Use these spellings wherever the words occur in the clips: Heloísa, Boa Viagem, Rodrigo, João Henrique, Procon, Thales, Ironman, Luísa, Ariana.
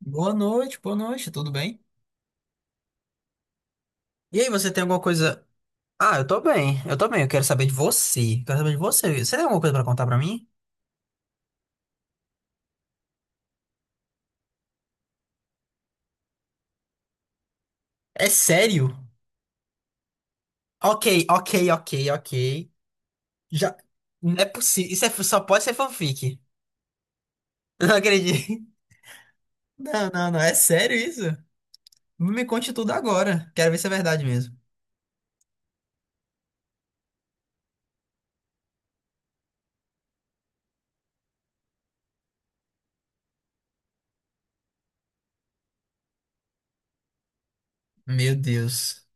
Boa noite, tudo bem? E aí, você tem alguma coisa? Ah, eu tô bem, eu tô bem. Eu quero saber de você. Quero saber de você. Você tem alguma coisa pra contar pra mim? É sério? Ok, ok, ok, ok. Já. Não é possível. Isso é só pode ser fanfic. Não acredito. Não, não, não, é sério isso? Me conte tudo agora. Quero ver se é verdade mesmo. Meu Deus.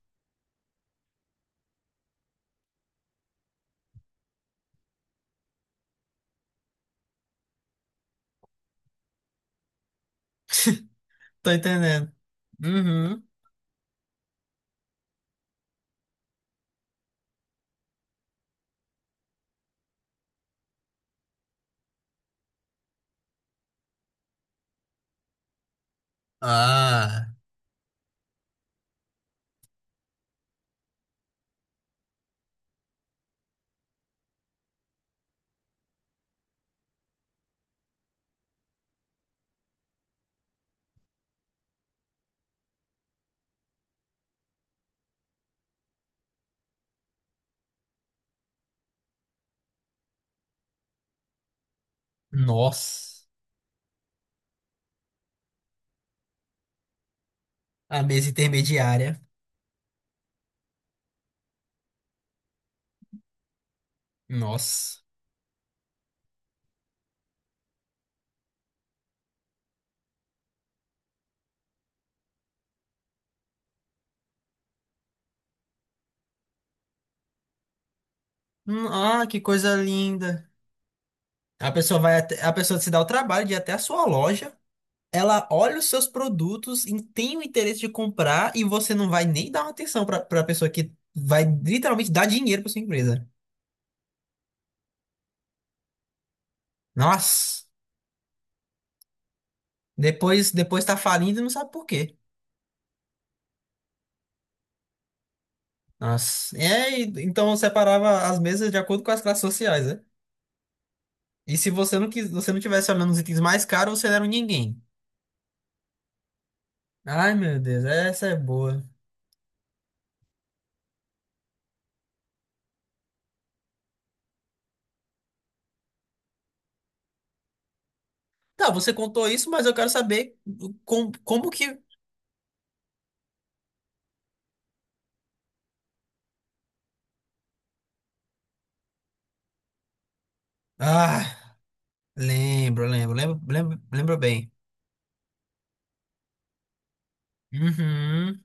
Tô entendendo. Uhum. Ah, nossa, a mesa intermediária. Nossa. Ah, que coisa linda. A pessoa se dá o trabalho de ir até a sua loja, ela olha os seus produtos e tem o interesse de comprar e você não vai nem dar uma atenção para a pessoa que vai literalmente dar dinheiro para sua empresa. Nossa, depois tá falindo e não sabe por quê. Nossa, é, então eu separava as mesas de acordo com as classes sociais, né? E se você não quis, você não tivesse olhando os itens mais caros, você não era um ninguém. Ai, meu Deus, essa é boa. Tá, você contou isso, mas eu quero saber como que. Ah. Lembro, lembro, lembro, lembro, lembro bem. Uhum,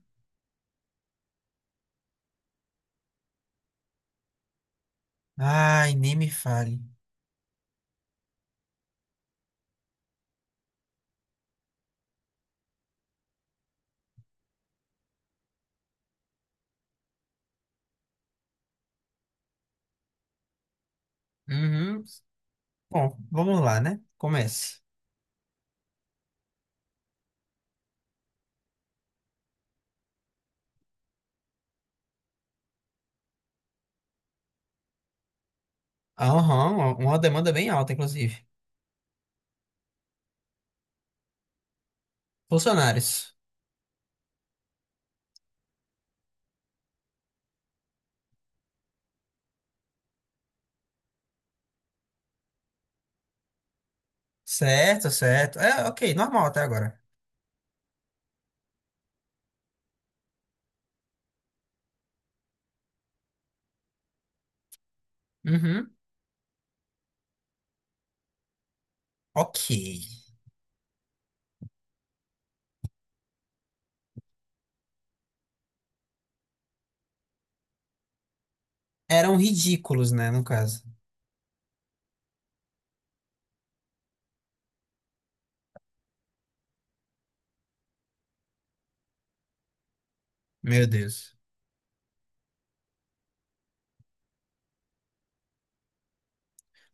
ai, nem me fale. Uhum. Bom, vamos lá, né? Comece. Aham, uma demanda bem alta, inclusive. Funcionários. Certo, certo. É, ok, normal até agora. Uhum. Ok. Eram ridículos, né, no caso. Meu Deus.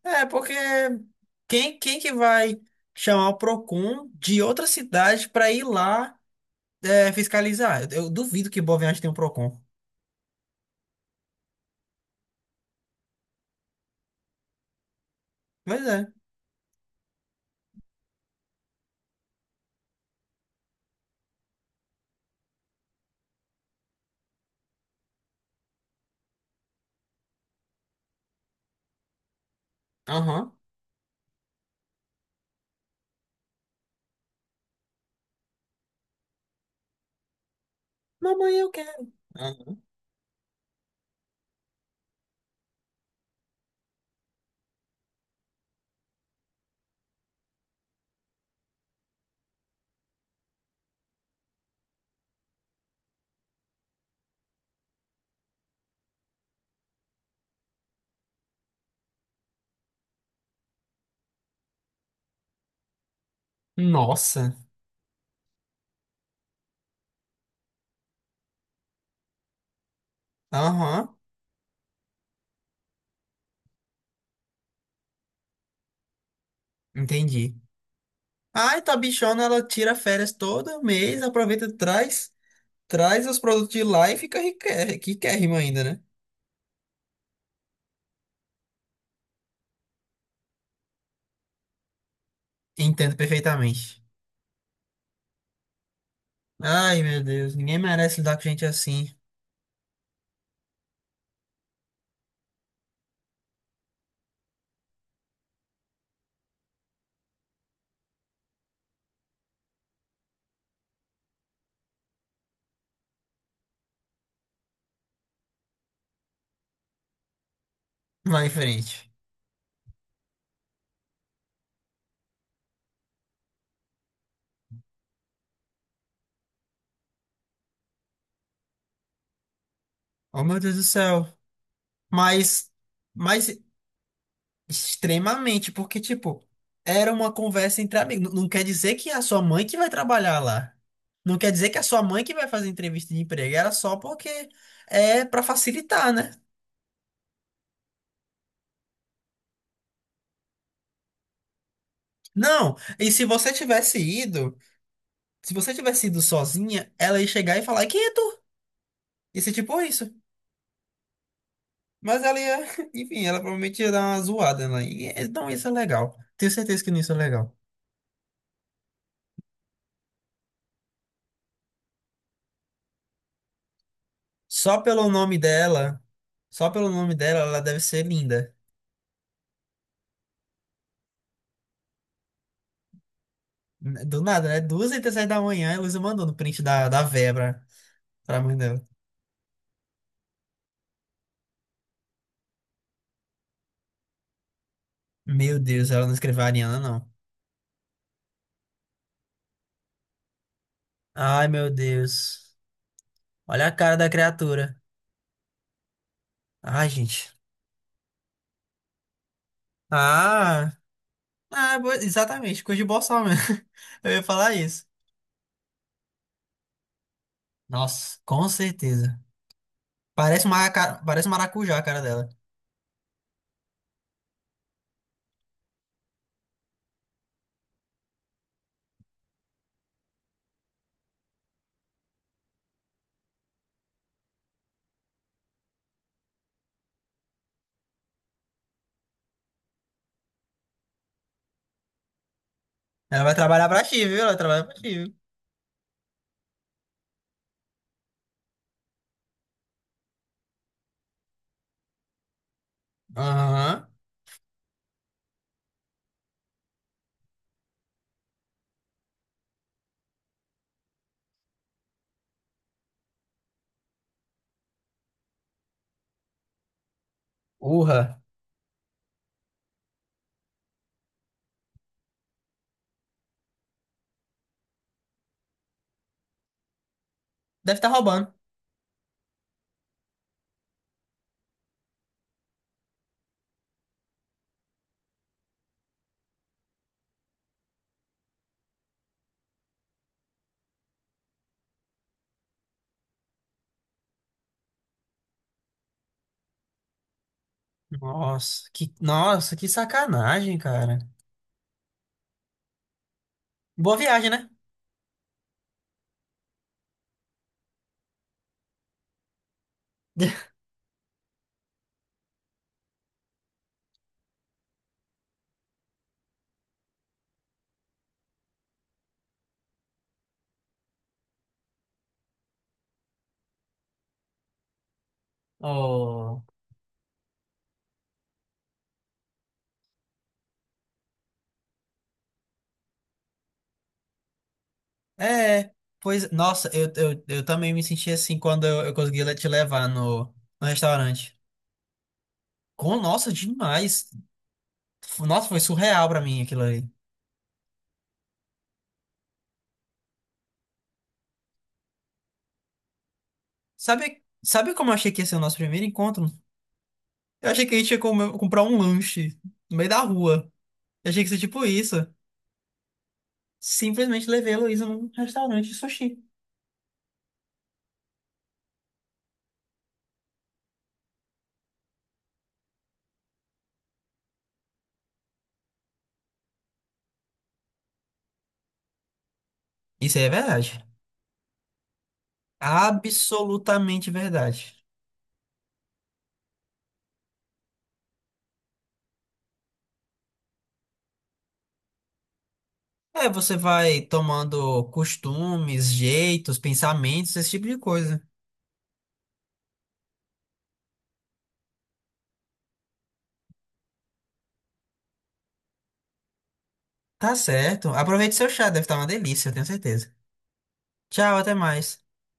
É, porque quem que vai chamar o Procon de outra cidade pra ir lá, é, fiscalizar? Eu duvido que Boa Viagem tenha um Procon. Pois é. Aham. Mamãe, eu quero. Aham. Nossa. Aham. Entendi. Ai, tua bichona, ela tira férias todo mês, aproveita, traz, traz os produtos de lá e fica riquérrima riquérrima ainda, né? Entendo perfeitamente. Ai, meu Deus, ninguém merece lidar com gente assim. Vai em frente. Oh, meu Deus do céu. Mas, mas extremamente, porque, tipo, era uma conversa entre amigos. Não quer dizer que é a sua mãe que vai trabalhar lá. Não quer dizer que é a sua mãe que vai fazer entrevista de emprego. Era só porque é pra facilitar, né? Não, e se você tivesse ido, se você tivesse ido sozinha, ela ia chegar e falar, e quem é tu? Ia ser tipo isso. Mas ela ia, enfim, ela provavelmente ia dar uma zoada lá. E então isso é legal. Tenho certeza que não isso é legal. Só pelo nome dela, só pelo nome dela, ela deve ser linda. Do nada, né? Duas e 37 da manhã, a Luísa mandou no print da, da véia pra, pra mãe dela. Meu Deus, ela não escreveu a Ariana, não. Ai, meu Deus. Olha a cara da criatura. Ai, gente. Ah, ah, exatamente, coisa de boçal mesmo. Eu ia falar isso. Nossa, com certeza. Parece uma, parece um maracujá a cara dela. Ela vai trabalhar pra ti, viu? Ela trabalha pra ti, viu? Aham. Urra. Deve estar roubando. Nossa, que sacanagem, cara. Boa viagem, né? Oh, é, pois, nossa, eu também me senti assim quando eu consegui te levar no, no restaurante. Com, nossa, demais. Nossa, foi surreal pra mim aquilo ali. Sabe, sabe como eu achei que ia ser o nosso primeiro encontro? Eu achei que a gente ia comprar um lanche no meio da rua. Eu achei que ia ser tipo isso. Simplesmente levei a Heloísa num restaurante de sushi. Isso aí é verdade. Absolutamente verdade. É, você vai tomando costumes, jeitos, pensamentos, esse tipo de coisa. Tá certo. Aproveite seu chá, deve estar uma delícia, eu tenho certeza. Tchau, até mais.